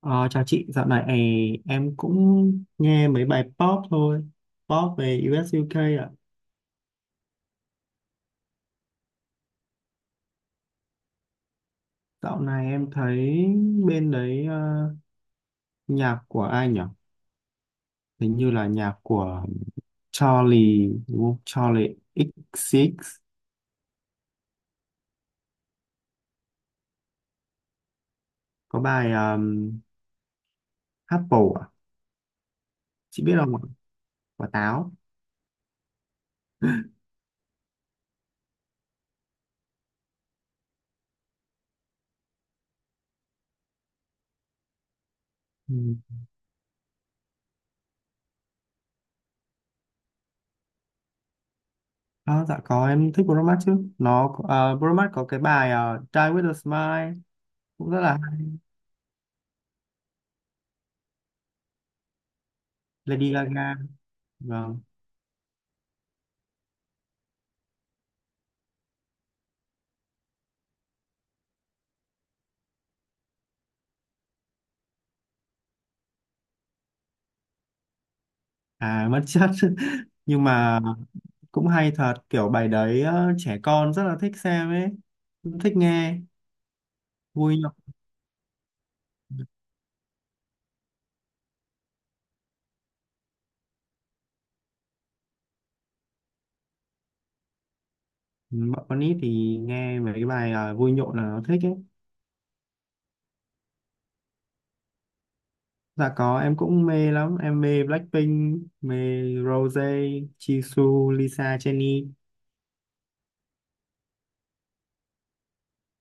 Ờ, chào chị, dạo này em cũng nghe mấy bài pop thôi, pop về US UK ạ. Dạo này em thấy bên đấy, nhạc của ai nhỉ? Hình như là nhạc của Charlie, đúng không? Charlie XCX, có bài Apple ạ. Chị biết không ạ? Quả táo. Ừ. À, dạ có, em thích Bruno Mars chứ. Bruno Mars có cái bài Die With A Smile, cũng rất là hay. Lady Gaga. Vâng. À, mất chất nhưng mà cũng hay thật, kiểu bài đấy, trẻ con rất là thích xem ấy, cũng thích nghe, vui nhộn. Ừ, bọn con nít thì nghe mấy cái bài vui nhộn là nó thích ấy. Dạ có, em cũng mê lắm, em mê Blackpink, mê Rose, Jisoo, Lisa, Jennie.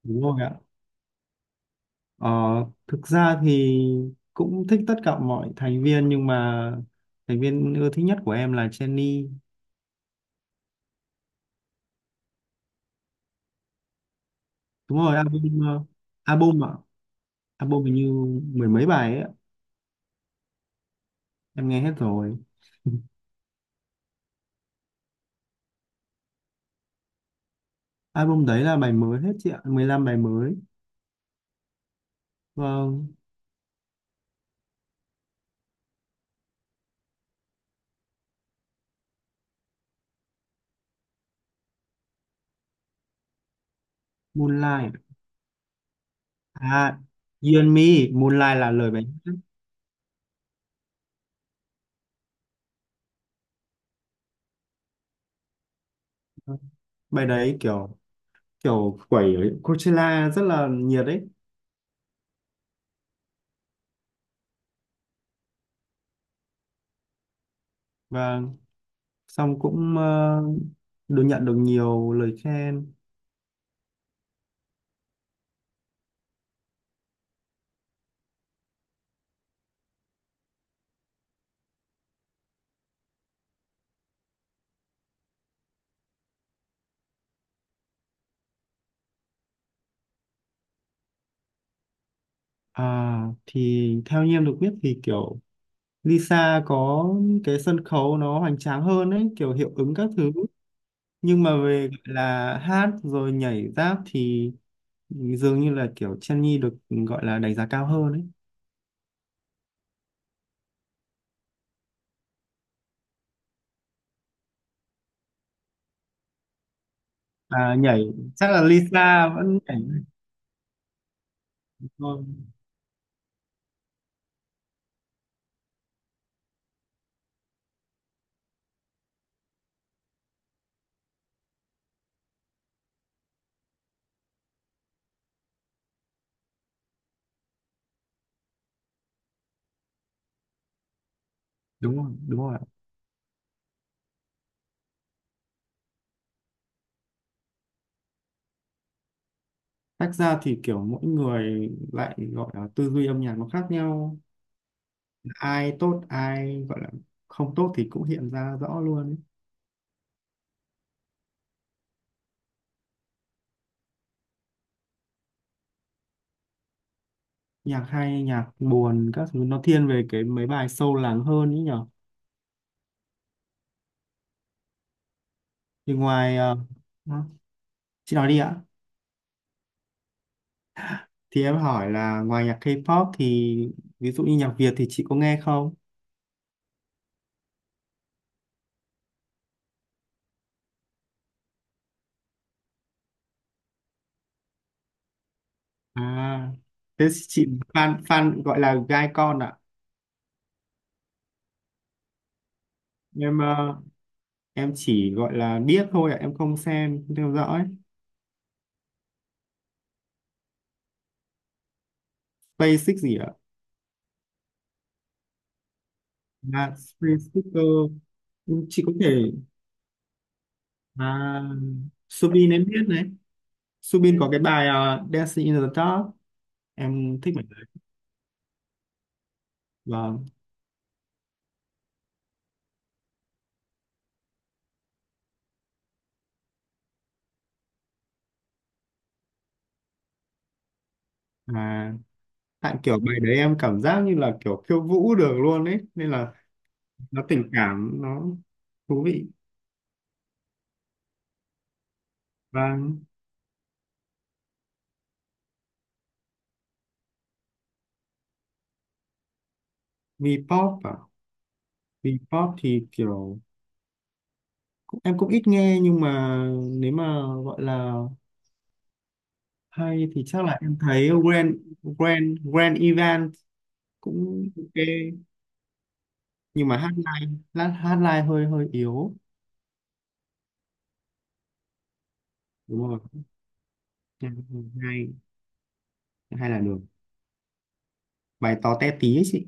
Đúng rồi ạ. Ờ, thực ra thì cũng thích tất cả mọi thành viên, nhưng mà thành viên ưa thích nhất của em là Jennie. Đúng rồi, album, album ạ. Album hình như mười mấy bài ấy ạ. Em nghe hết rồi. Album đấy là bài mới hết, chị ạ, 15 bài mới. Vâng. Moonlight. À, You and Me. Moonlight là lời bài hát. Bài đấy kiểu, kiểu quẩy ở Coachella rất là nhiệt ấy. Và xong cũng được nhận, được nhiều lời khen. À, thì theo như em được biết thì kiểu Lisa có cái sân khấu nó hoành tráng hơn ấy, kiểu hiệu ứng các thứ. Nhưng mà về gọi là hát rồi nhảy rap thì dường như là kiểu Jennie được gọi là đánh giá cao hơn ấy. À, nhảy chắc là Lisa vẫn nhảy thôi. Đúng rồi, đúng rồi ạ. Tách ra thì kiểu mỗi người lại gọi là tư duy âm nhạc nó khác nhau, ai tốt, ai gọi là không tốt thì cũng hiện ra rõ luôn ấy. Nhạc hay, nhạc buồn các thứ, nó thiên về cái mấy bài sâu lắng hơn ấy nhở. Thì ngoài hả? Chị nói đi ạ. Thì em hỏi là ngoài nhạc K-pop thì ví dụ như nhạc Việt thì chị có nghe không? À, thế chị fan fan gọi là gai con ạ. Em em chỉ gọi là biết thôi ạ, em không xem, không theo dõi. Basic gì ạ? À, Space Sticker. Ừ, chị có thể, à, Subin em biết đấy. Subin có cái bài Dancing in the Dark, em thích bài đấy. Vâng. À, tại kiểu bài đấy em cảm giác như là kiểu khiêu vũ được luôn ấy, nên là nó tình cảm, nó thú vị. Và V-pop à? V-pop thì kiểu cũng, em cũng ít nghe, nhưng mà nếu mà gọi là hay thì chắc là em thấy Grand Grand Grand Event cũng ok, nhưng mà hát live, lát hát live hơi hơi yếu. Đúng rồi, hay. Hay là được bài to té tí ấy chị.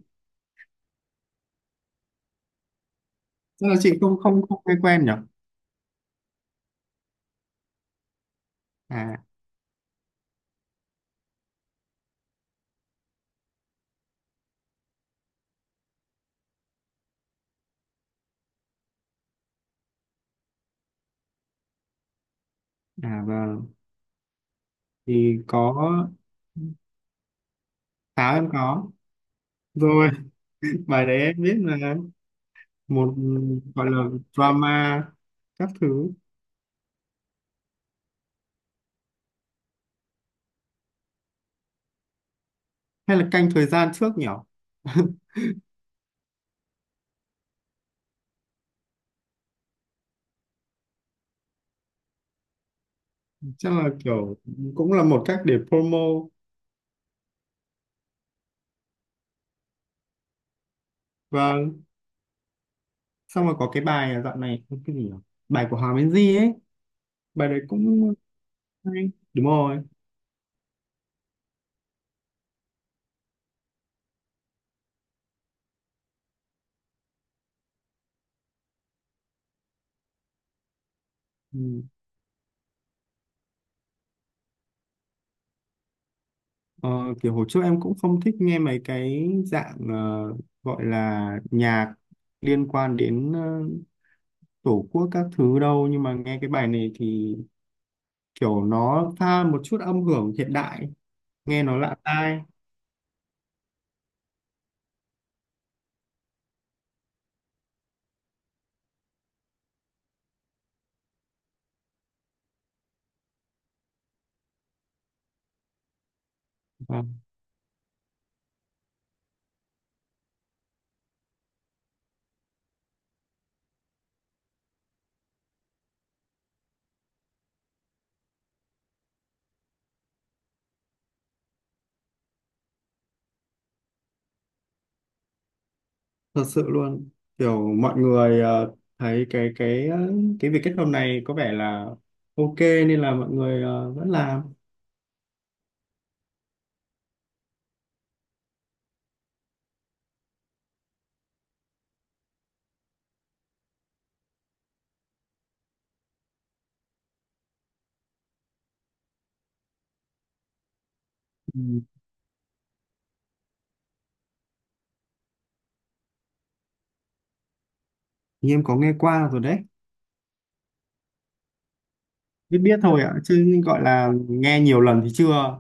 Chắc là chị không không không nghe quen nhỉ. À, à, vâng, thì có, táo em có rồi. Bài đấy em biết mà. Một, gọi là drama các thứ. Hay là canh thời gian trước nhỉ? Chắc là kiểu cũng là một cách để promo. Và xong rồi có cái bài, à, dạo này cái gì nhỉ, bài của Hoàng Minh Di ấy, bài đấy cũng hay. Đúng rồi. Ừ. Ờ, kiểu hồi trước em cũng không thích nghe mấy cái dạng gọi là nhạc liên quan đến tổ quốc các thứ đâu, nhưng mà nghe cái bài này thì kiểu nó pha một chút âm hưởng hiện đại, nghe nó lạ tai. À, thật sự luôn, kiểu mọi người thấy cái cái việc kết hôn này có vẻ là ok, nên là mọi người vẫn làm. Ừ. Thì em có nghe qua rồi đấy. Biết biết thôi ạ, chứ gọi là nghe nhiều lần thì chưa.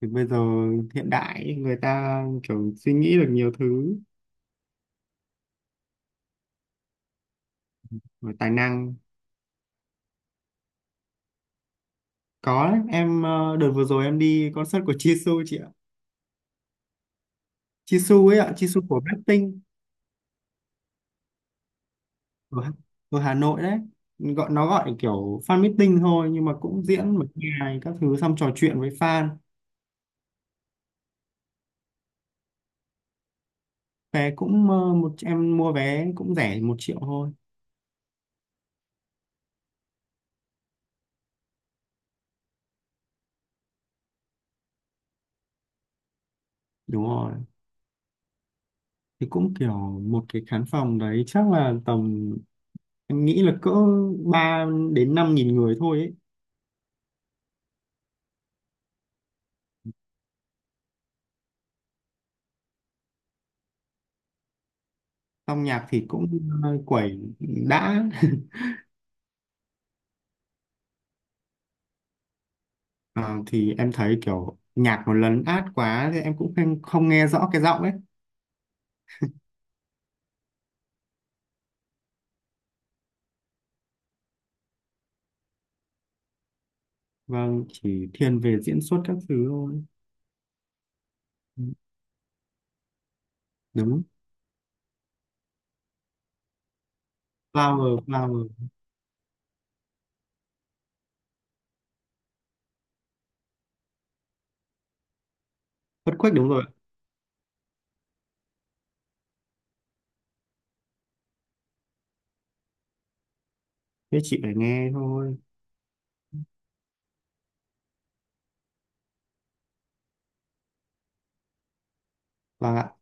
Thì bây giờ hiện đại ấy, người ta kiểu suy nghĩ được nhiều thứ và tài năng. Có đấy, em đợt vừa rồi em đi concert của Jisoo chị ạ. Jisoo ấy ạ, Jisoo của Blackpink. ở, Hà- Ở Hà Nội đấy, gọi nó gọi kiểu fan meeting thôi, nhưng mà cũng diễn một ngày các thứ, xong trò chuyện với fan. Vé cũng, một, em mua vé cũng rẻ, một triệu thôi. Đúng rồi. Thì cũng kiểu một cái khán phòng đấy chắc là tầm, em nghĩ là cỡ 3 đến 5 nghìn người thôi ấy. Xong nhạc thì cũng quẩy đã. Ờ, thì em thấy kiểu nhạc nó lấn át quá thì em cũng không, không nghe rõ cái giọng ấy. Vâng, chỉ thiên về diễn xuất các thứ thôi. Ừ, đúng. Flower, Flower. Earthquake, đúng rồi ạ. Thế chị phải nghe thôi. Vâng ạ.